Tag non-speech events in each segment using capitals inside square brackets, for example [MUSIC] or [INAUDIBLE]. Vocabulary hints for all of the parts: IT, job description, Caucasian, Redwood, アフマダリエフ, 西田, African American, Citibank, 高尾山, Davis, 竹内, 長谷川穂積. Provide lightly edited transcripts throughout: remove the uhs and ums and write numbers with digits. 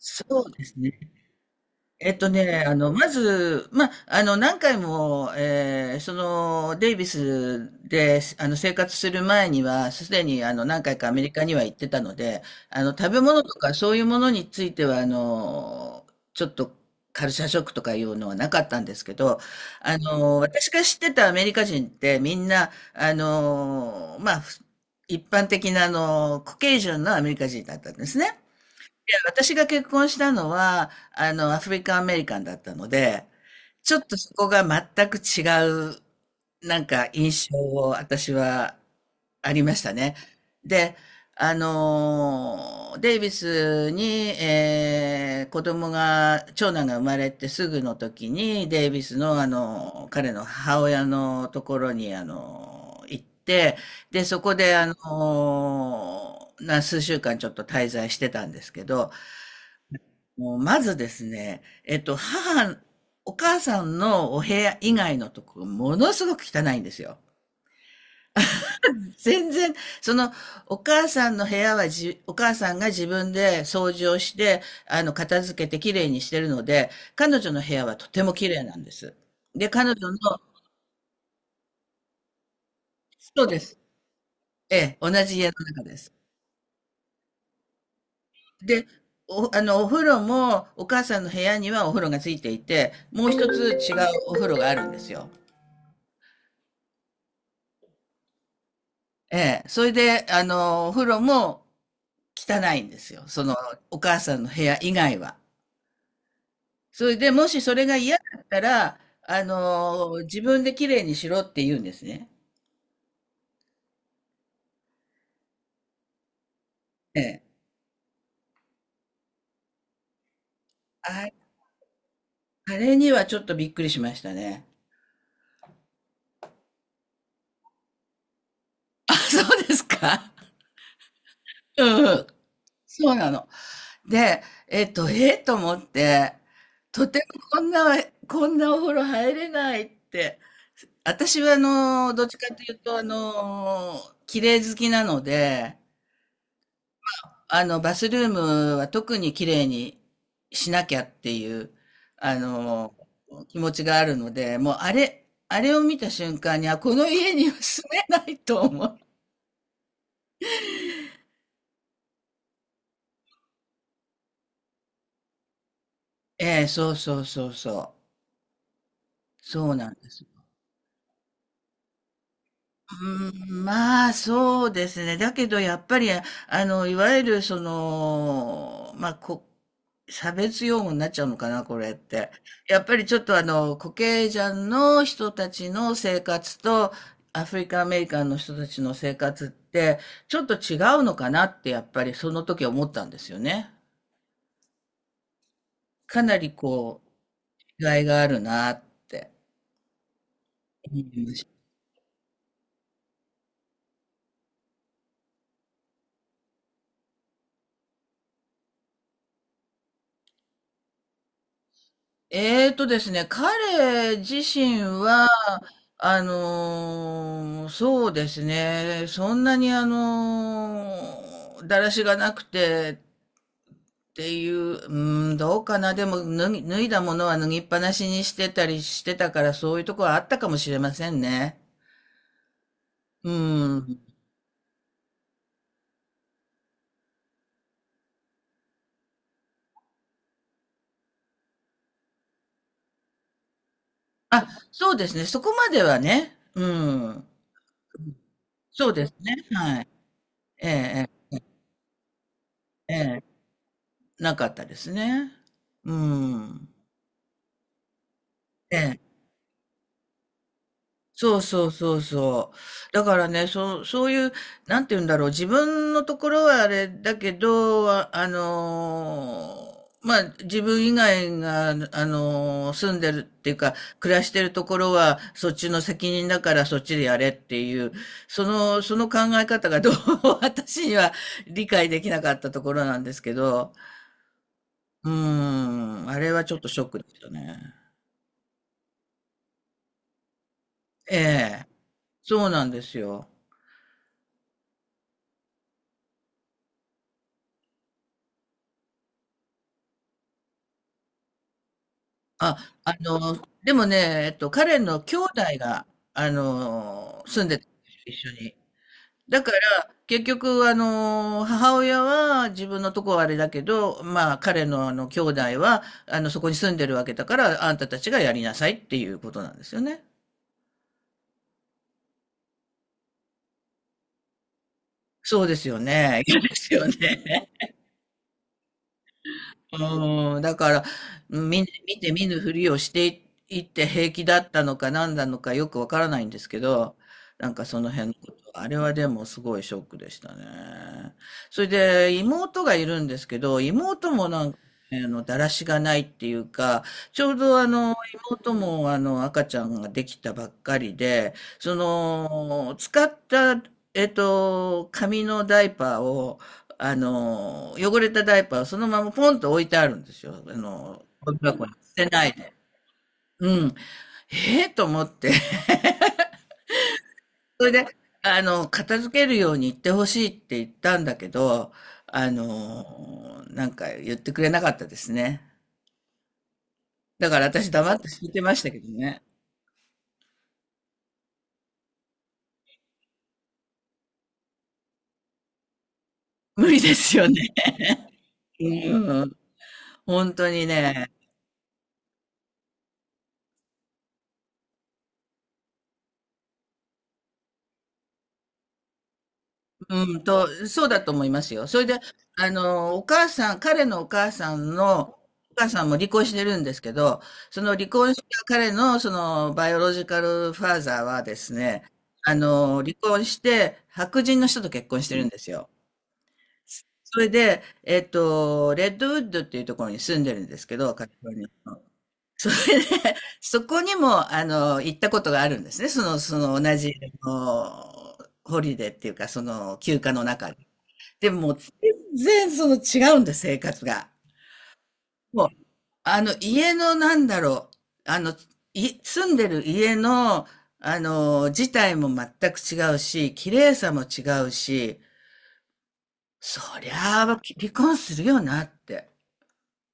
そうですね。まず、何回も、えーその、デイビスで、生活する前には、すでに、何回かアメリカには行ってたので、食べ物とかそういうものについては、ちょっと、カルチャーショックとかいうのはなかったんですけど、私が知ってたアメリカ人って、みんな、まあ、一般的な、コケージュンのアメリカ人だったんですね。いや、私が結婚したのは、アフリカンアメリカンだったので、ちょっとそこが全く違う、なんか印象を私はありましたね。で、デイビスに、子供が、長男が生まれてすぐの時に、デイビスの、彼の母親のところに、行って、で、そこで、あのーな、数週間ちょっと滞在してたんですけど、もうまずですね、お母さんのお部屋以外のとこ、ものすごく汚いんですよ。全然、その、お母さんの部屋はじ、お母さんが自分で掃除をして、片付けてきれいにしてるので、彼女の部屋はとてもきれいなんです。で、彼女の、そうです。ええ、同じ家の中です。で、お、あの、お風呂も、お母さんの部屋にはお風呂がついていて、もう一つ違うお風呂があるんですよ。ええ。それで、お風呂も汚いんですよ。その、お母さんの部屋以外は。それで、もしそれが嫌だったら、自分で綺麗にしろって言うんですね。ええ。あ、あれにはちょっとびっくりしましたね。あ、そうですか。うんうん。そうなの。で、えっと思って、とてもこんな、こんなお風呂入れないって。私は、どっちかというと、綺麗好きなので、バスルームは特に綺麗にしなきゃっていう、あの、気持ちがあるので、もう、あれを見た瞬間に、あ、この家には住めないと思う。ええ、そうそうそうそう。そうなんです。うん、まあ、そうですね。だけど、やっぱり、いわゆる、その、まあ、差別用語になっちゃうのかな、これって。やっぱりちょっと、コケジャンの人たちの生活と、アフリカンアメリカンの人たちの生活って、ちょっと違うのかなって、やっぱりその時思ったんですよね。かなり、こう、違いがあるなって思いました。えーとですね、彼自身は、そうですね、そんなにだらしがなくてっていう、うん、どうかな、でも脱いだものは脱ぎっぱなしにしてたりしてたから、そういうところはあったかもしれませんね。うん。あ、そうですね、そこまではね、うん。そうですね、はい。ええええええ、なかったですね。うん。ええ、そうそうそうそう。だからね、そういう、なんて言うんだろう、自分のところはあれだけど、まあ、自分以外が、住んでるっていうか、暮らしてるところは、そっちの責任だからそっちでやれっていう、その考え方がどうも [LAUGHS] 私には理解できなかったところなんですけど、うーん、あれはちょっとショックでしたね。ええ、そうなんですよ。あ、あの、でもね、彼の兄弟が、住んでたんですよ、一緒に。だから、結局、母親は自分のとこはあれだけど、まあ、彼の兄弟は、そこに住んでるわけだから、あんたたちがやりなさいっていうことなんですよね。そうですよね。嫌ですよね。うん、だから、見て見ぬふりをしていいって平気だったのか何なのかよくわからないんですけど、なんかその辺のこと、あれはでもすごいショックでしたね。それで妹がいるんですけど、妹もなんか、だらしがないっていうか、ちょうど妹も赤ちゃんができたばっかりで、その、使った、紙のダイパーを、汚れたダイパーをそのままポンと置いてあるんですよ。ゴミ箱に捨てないで。うん。ええと思って。[LAUGHS] それで、片付けるように言ってほしいって言ったんだけど、なんか言ってくれなかったですね。だから私黙って聞いてましたけどね。無理ですよね。[LAUGHS] うん。本当にね。うんと、そうだと思いますよ。それで、お母さん、彼のお母さんの、お母さんも離婚してるんですけど、その離婚した彼の、その、バイオロジカルファーザーはですね、離婚して、白人の人と結婚してるんですよ。それで、レッドウッドっていうところに住んでるんですけど、カリフォルニアの。それで、そこにも、行ったことがあるんですね。その同じ、あのホリデーっていうか、その休暇の中で。でも、全然その違うんだ、生活が。もう、家のなんだろう、住んでる家の、自体も全く違うし、綺麗さも違うし、そりゃあ、離婚するよなって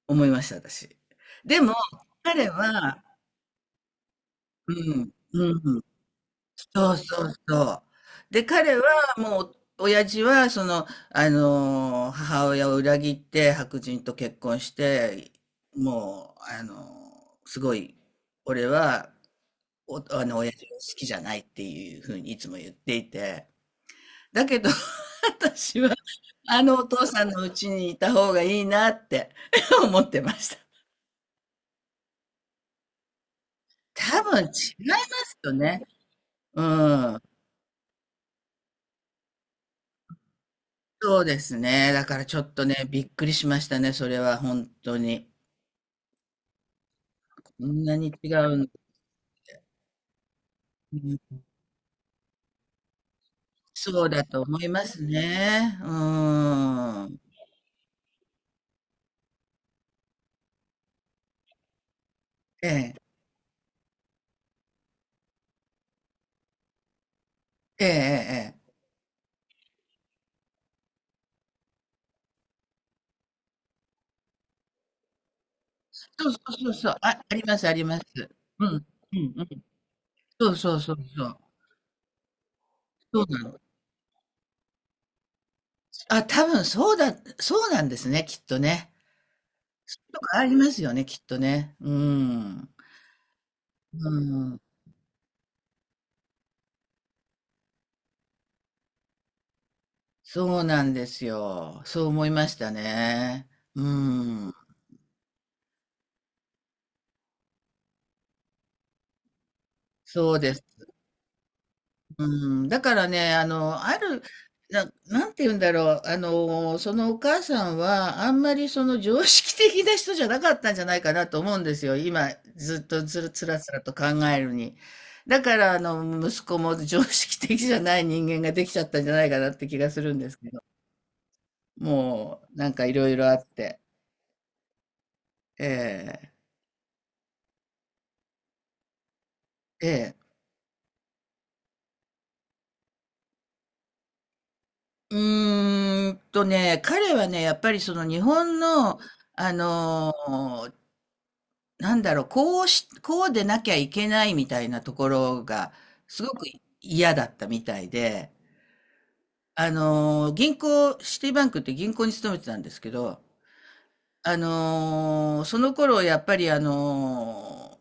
思いました、私。でも、彼は、うん、うん。そうそうそう。で、彼はもう、親父は、その、母親を裏切って白人と結婚して、もう、すごい、俺は、お、あの、親父が好きじゃないっていうふうにいつも言っていて、だけど [LAUGHS] 私は、あのお父さんの家にいた方がいいなって [LAUGHS] 思ってました。多分違いますよね。うん。そうですね。だからちょっとね、びっくりしましたね、それは本当に。こんなに違うん、うん、そうだと思いますね。うーん。ええ、ええ、ええ。ええ、そうそうそうそう。あ、あります、あります。うん、うん、うん。そうそうそうそう。そうなの。あ、多分そうだ、そうなんですね、きっとね。とかありますよね、きっとね。うん。うん。そうなんですよ。そう思いましたね。うん。そうです。うん、だからね、あの、ある、な、なんて言うんだろう、そのお母さんは、あんまりその常識的な人じゃなかったんじゃないかなと思うんですよ。今、ずっとずる、つらつらと考えるに。だから、息子も常識的じゃない人間ができちゃったんじゃないかなって気がするんですけど、もう、なんかいろいろあって。ええ、ええ。う彼はね、やっぱりその日本の、あのなんだろう、こうし、こうでなきゃいけないみたいなところが、すごく嫌だったみたいで、銀行、シティバンクって銀行に勤めてたんですけど、その頃、やっぱり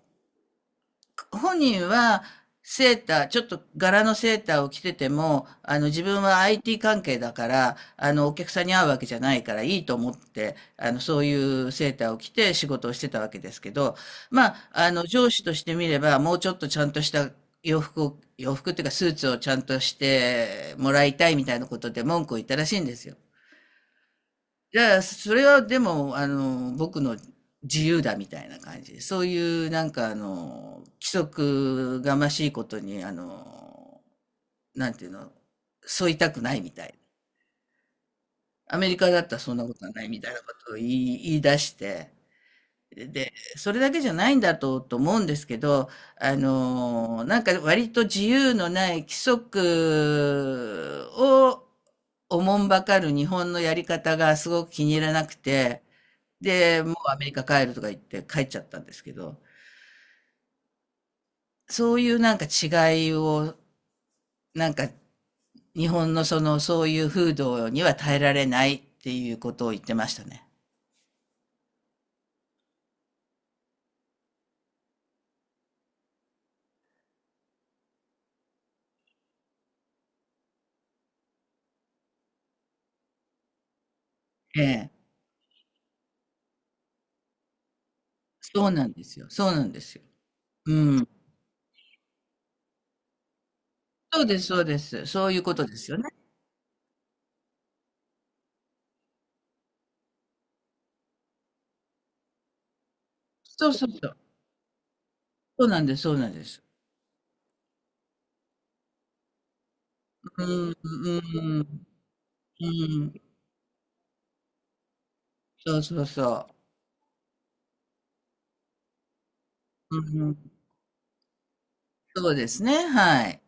本人はセーター、ちょっと柄のセーターを着てても、あの自分は IT 関係だから、あのお客さんに会うわけじゃないからいいと思って、あのそういうセーターを着て仕事をしてたわけですけど、まあ、あの上司としてみれば、もうちょっとちゃんとした洋服を、洋服っていうかスーツをちゃんとしてもらいたいみたいなことで文句を言ったらしいんですよ。いやいや、それはでも、僕の自由だみたいな感じで、そういう規則がましいことに、あの、なんていうの、沿いたくないみたい。アメリカだったらそんなことはないみたいなことを言い出して、で、それだけじゃないんだと、と思うんですけど、なんか割と自由のない規則をおもんばかる日本のやり方がすごく気に入らなくて、で、もうアメリカ帰るとか言って帰っちゃったんですけど、そういうなんか違いを、なんか日本のその、そういう風土には耐えられないっていうことを言ってましたね。ええ。そうなんですよ。そうなんですよ。うん。そうです、そうです。そういうことですよね。そうそうそう。そうなんです、そうなんです。うん、うん、うん。うん、そうそうそう。うん、そうですね、はい。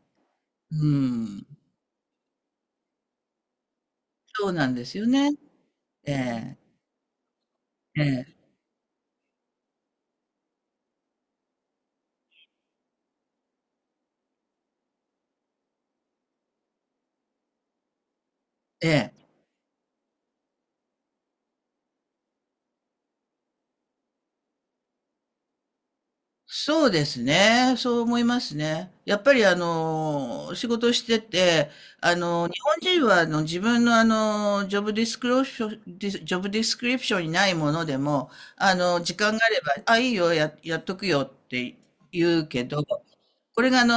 うん、そうなんですよね。ええ、ええ、ええ。そうですね、そう思いますね。やっぱりあの、仕事してて、日本人は自分のジョブディスクローション、ディスジョブディスクリプションにないものでも、時間があれば、あ、いいよ、やっとくよって言うけど、これが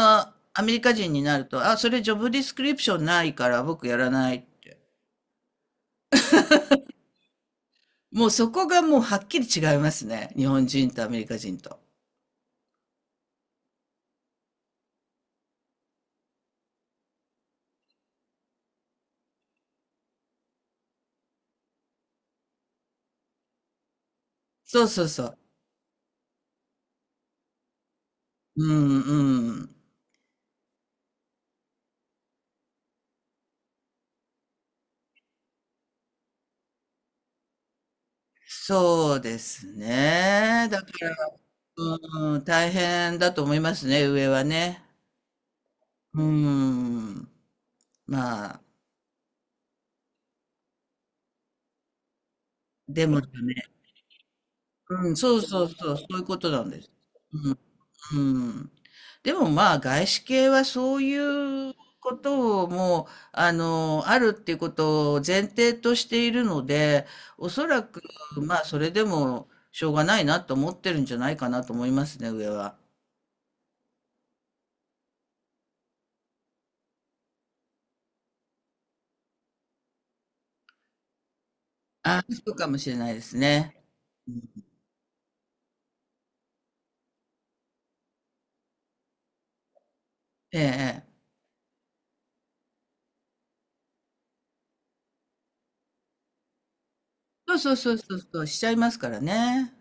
アメリカ人になると、あ、それジョブディスクリプションないから僕やらないって。もうそこがもうはっきり違いますね。日本人とアメリカ人と。そうそうそう。うんうん。そうですね。だから、うん、大変だと思いますね、上はね。うん。まあ、でもね、うん、そうそうそう、そういうことなんです。うんうん。でもまあ、外資系はそういうことをもう、あるっていうことを前提としているので、おそらく、まあ、それでもしょうがないなと思ってるんじゃないかなと思いますね、上は。ああ、そうかもしれないですね。ええ、ええ、そうそうそうそうそう、しちゃいますからね。